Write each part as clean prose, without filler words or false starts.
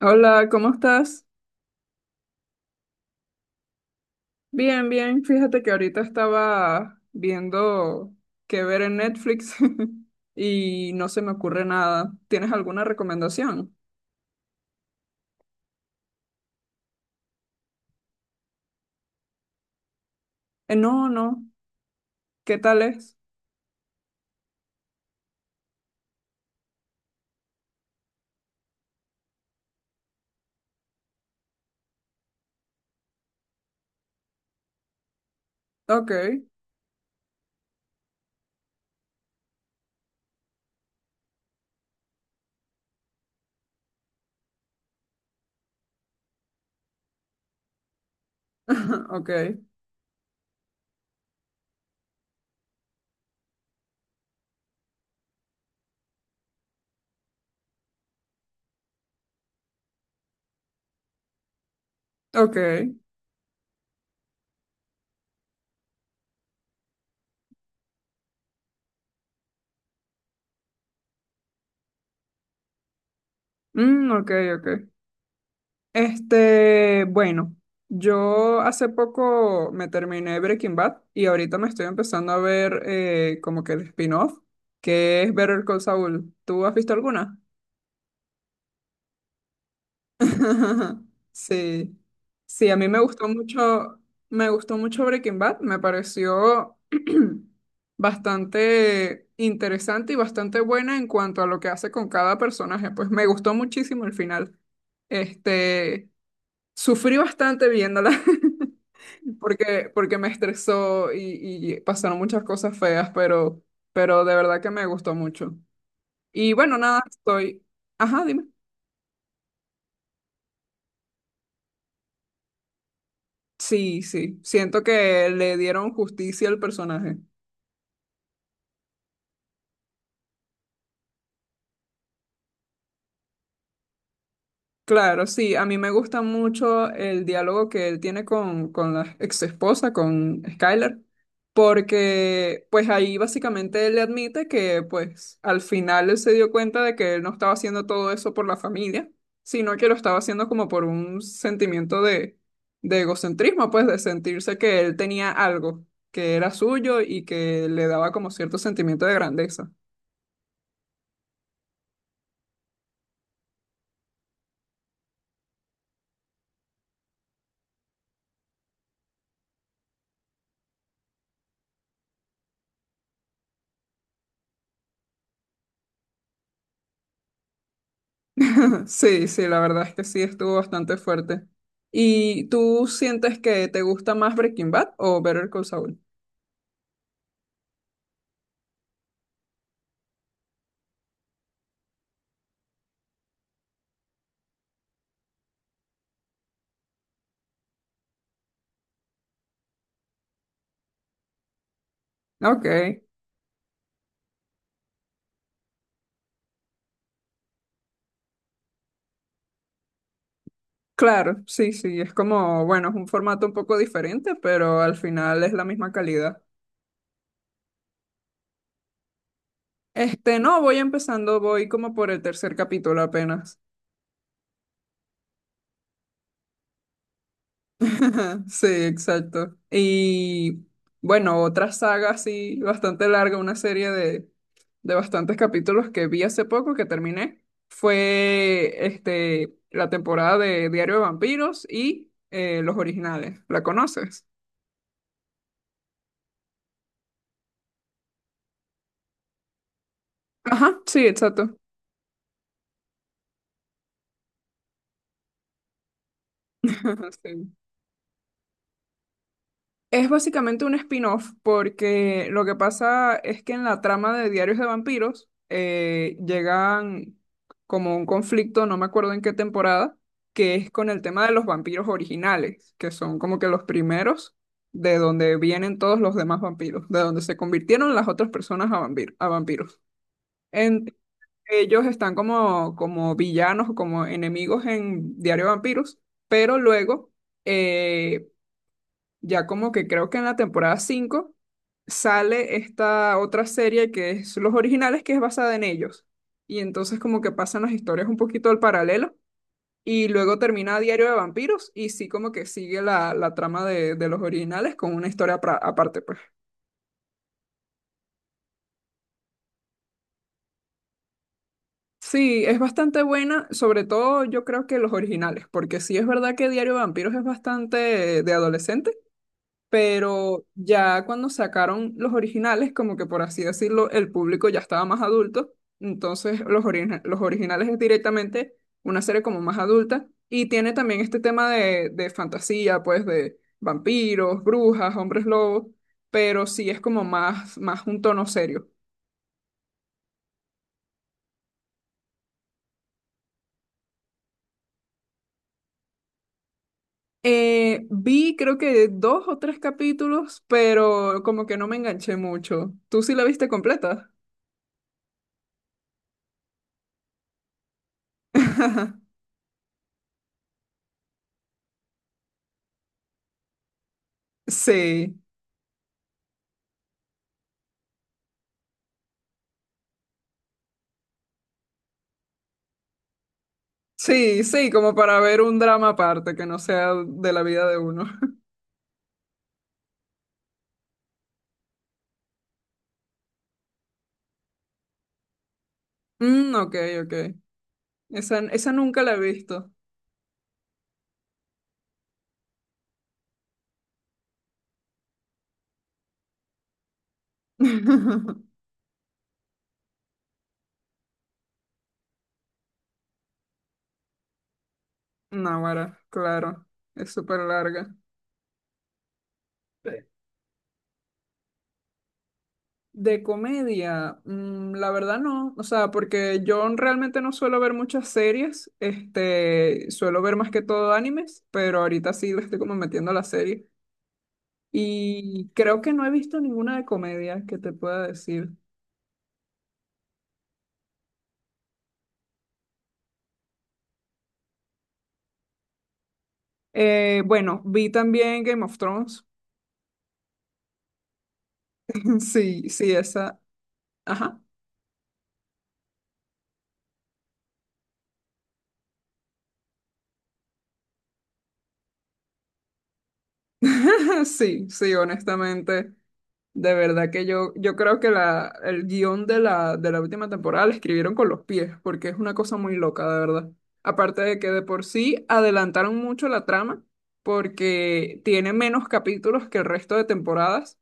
Hola, ¿cómo estás? Bien, bien. Fíjate que ahorita estaba viendo qué ver en Netflix y no se me ocurre nada. ¿Tienes alguna recomendación? No, no. ¿Qué tal es? Ok, ah, ok, ok. Mm, ok, ok. Bueno, yo hace poco me terminé Breaking Bad y ahorita me estoy empezando a ver como que el spin-off, que es Better Call Saul. ¿Tú has visto alguna? Sí, sí, a mí me gustó mucho Breaking Bad, me pareció bastante interesante y bastante buena en cuanto a lo que hace con cada personaje, pues me gustó muchísimo el final. Este, sufrí bastante viéndola porque me estresó y pasaron muchas cosas feas, pero de verdad que me gustó mucho. Y bueno, nada, estoy, ajá, dime. Sí, sí, siento que le dieron justicia al personaje. Claro, sí, a mí me gusta mucho el diálogo que él tiene con la ex esposa, con Skylar, porque pues ahí básicamente él le admite que pues al final él se dio cuenta de que él no estaba haciendo todo eso por la familia, sino que lo estaba haciendo como por un sentimiento de egocentrismo, pues de sentirse que él tenía algo que era suyo y que le daba como cierto sentimiento de grandeza. Sí, sí, la verdad es que sí, estuvo bastante fuerte. ¿Y tú sientes que te gusta más Breaking Bad o Better Call Saul? Ok, claro, sí, sí, es como, bueno, es un formato un poco diferente, pero al final es la misma calidad. No, voy empezando, voy como por el tercer capítulo apenas. Ajá, sí, exacto. Y bueno, otra saga así bastante larga, una serie de bastantes capítulos que vi hace poco que terminé, fue la temporada de Diario de Vampiros y los originales. ¿La conoces? Ajá, sí, exacto. Sí. Es básicamente un spin-off porque lo que pasa es que en la trama de Diarios de Vampiros llegan como un conflicto, no me acuerdo en qué temporada, que es con el tema de los vampiros originales, que son como que los primeros de donde vienen todos los demás vampiros, de donde se convirtieron las otras personas a, a vampiros. En- Ellos están como, como villanos o como enemigos en Diario de Vampiros, pero luego... eh, ya como que creo que en la temporada 5 sale esta otra serie que es Los Originales, que es basada en ellos. Y entonces como que pasan las historias un poquito al paralelo y luego termina Diario de Vampiros y sí como que sigue la trama de Los Originales con una historia aparte, pues. Sí, es bastante buena, sobre todo yo creo que Los Originales, porque sí es verdad que Diario de Vampiros es bastante de adolescente, pero ya cuando sacaron los originales, como que por así decirlo, el público ya estaba más adulto, entonces los originales es directamente una serie como más adulta y tiene también este tema de fantasía, pues de vampiros, brujas, hombres lobos, pero sí es como más, más un tono serio. Vi creo que dos o tres capítulos, pero como que no me enganché mucho. ¿Tú sí la viste completa? Sí. Sí, sí, como para ver un drama aparte que no sea de la vida de uno. Mm, ok, ok. Esa nunca la he visto. Náguara, claro. Es súper larga. De comedia, mm, la verdad no, o sea, porque yo realmente no suelo ver muchas series, suelo ver más que todo animes, pero ahorita sí le estoy como metiendo a la serie. Y creo que no he visto ninguna de comedia que te pueda decir. Bueno, vi también Game of Thrones. Sí, sí, esa. Ajá. Sí, sí, honestamente. De verdad que yo creo que la, el guión de la última temporada la escribieron con los pies, porque es una cosa muy loca, de verdad. Aparte de que de por sí adelantaron mucho la trama, porque tiene menos capítulos que el resto de temporadas,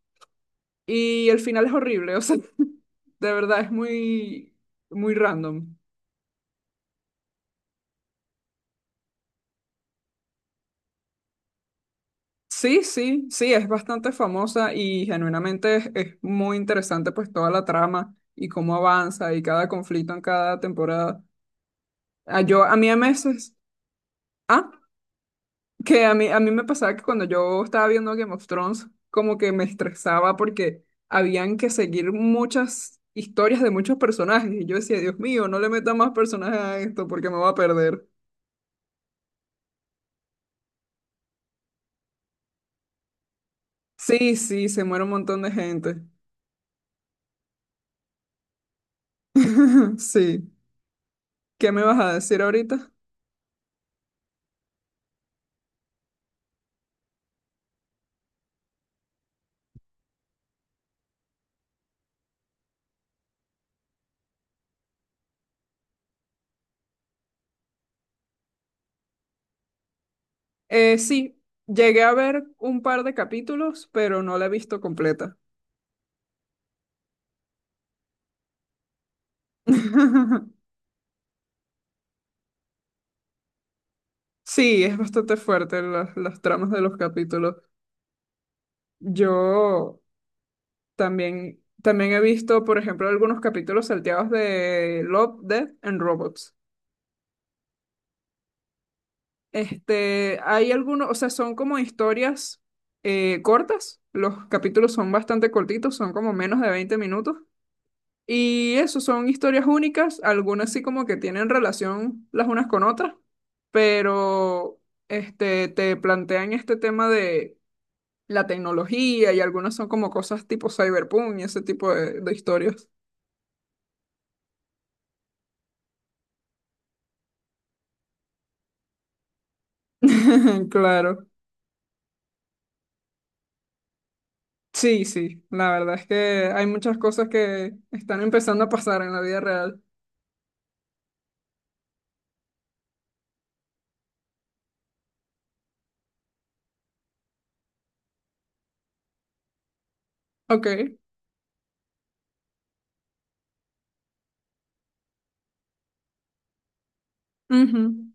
y el final es horrible, o sea, de verdad es muy, muy random. Sí, sí, sí, es bastante famosa y genuinamente es muy interesante pues toda la trama y cómo avanza y cada conflicto en cada temporada. Ah, yo, a mí a veces, ah, que a mí me pasaba que cuando yo estaba viendo Game of Thrones como que me estresaba porque habían que seguir muchas historias de muchos personajes y yo decía, Dios mío, no le meta más personajes a esto porque me va a perder. Sí, sí, se muere un montón de gente. Sí, ¿qué me vas a decir ahorita? Sí, llegué a ver un par de capítulos, pero no la he visto completa. Sí, es bastante fuerte las tramas de los capítulos. Yo también, también he visto, por ejemplo, algunos capítulos salteados de Love, Death and Robots. Hay algunos, o sea, son como historias cortas. Los capítulos son bastante cortitos, son como menos de 20 minutos. Y eso son historias únicas, algunas sí como que tienen relación las unas con otras, pero te plantean este tema de la tecnología y algunas son como cosas tipo cyberpunk y ese tipo de historias. Claro. Sí, sí, la verdad es que hay muchas cosas que están empezando a pasar en la vida real. Ok. Ujú.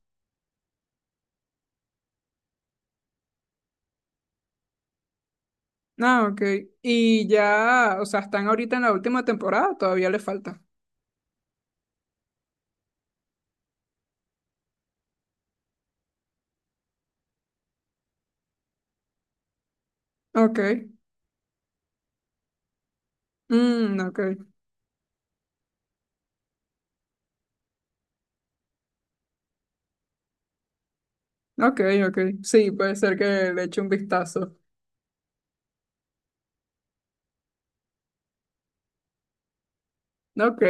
Ah, ok. Y ya, o sea, están ahorita en la última temporada, todavía le falta. Ok. Mm, ok. Ok, ok. Sí, puede ser que le eche un vistazo. Ok.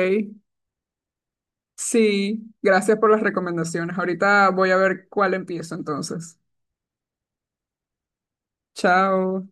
Sí, gracias por las recomendaciones. Ahorita voy a ver cuál empiezo entonces. Chao.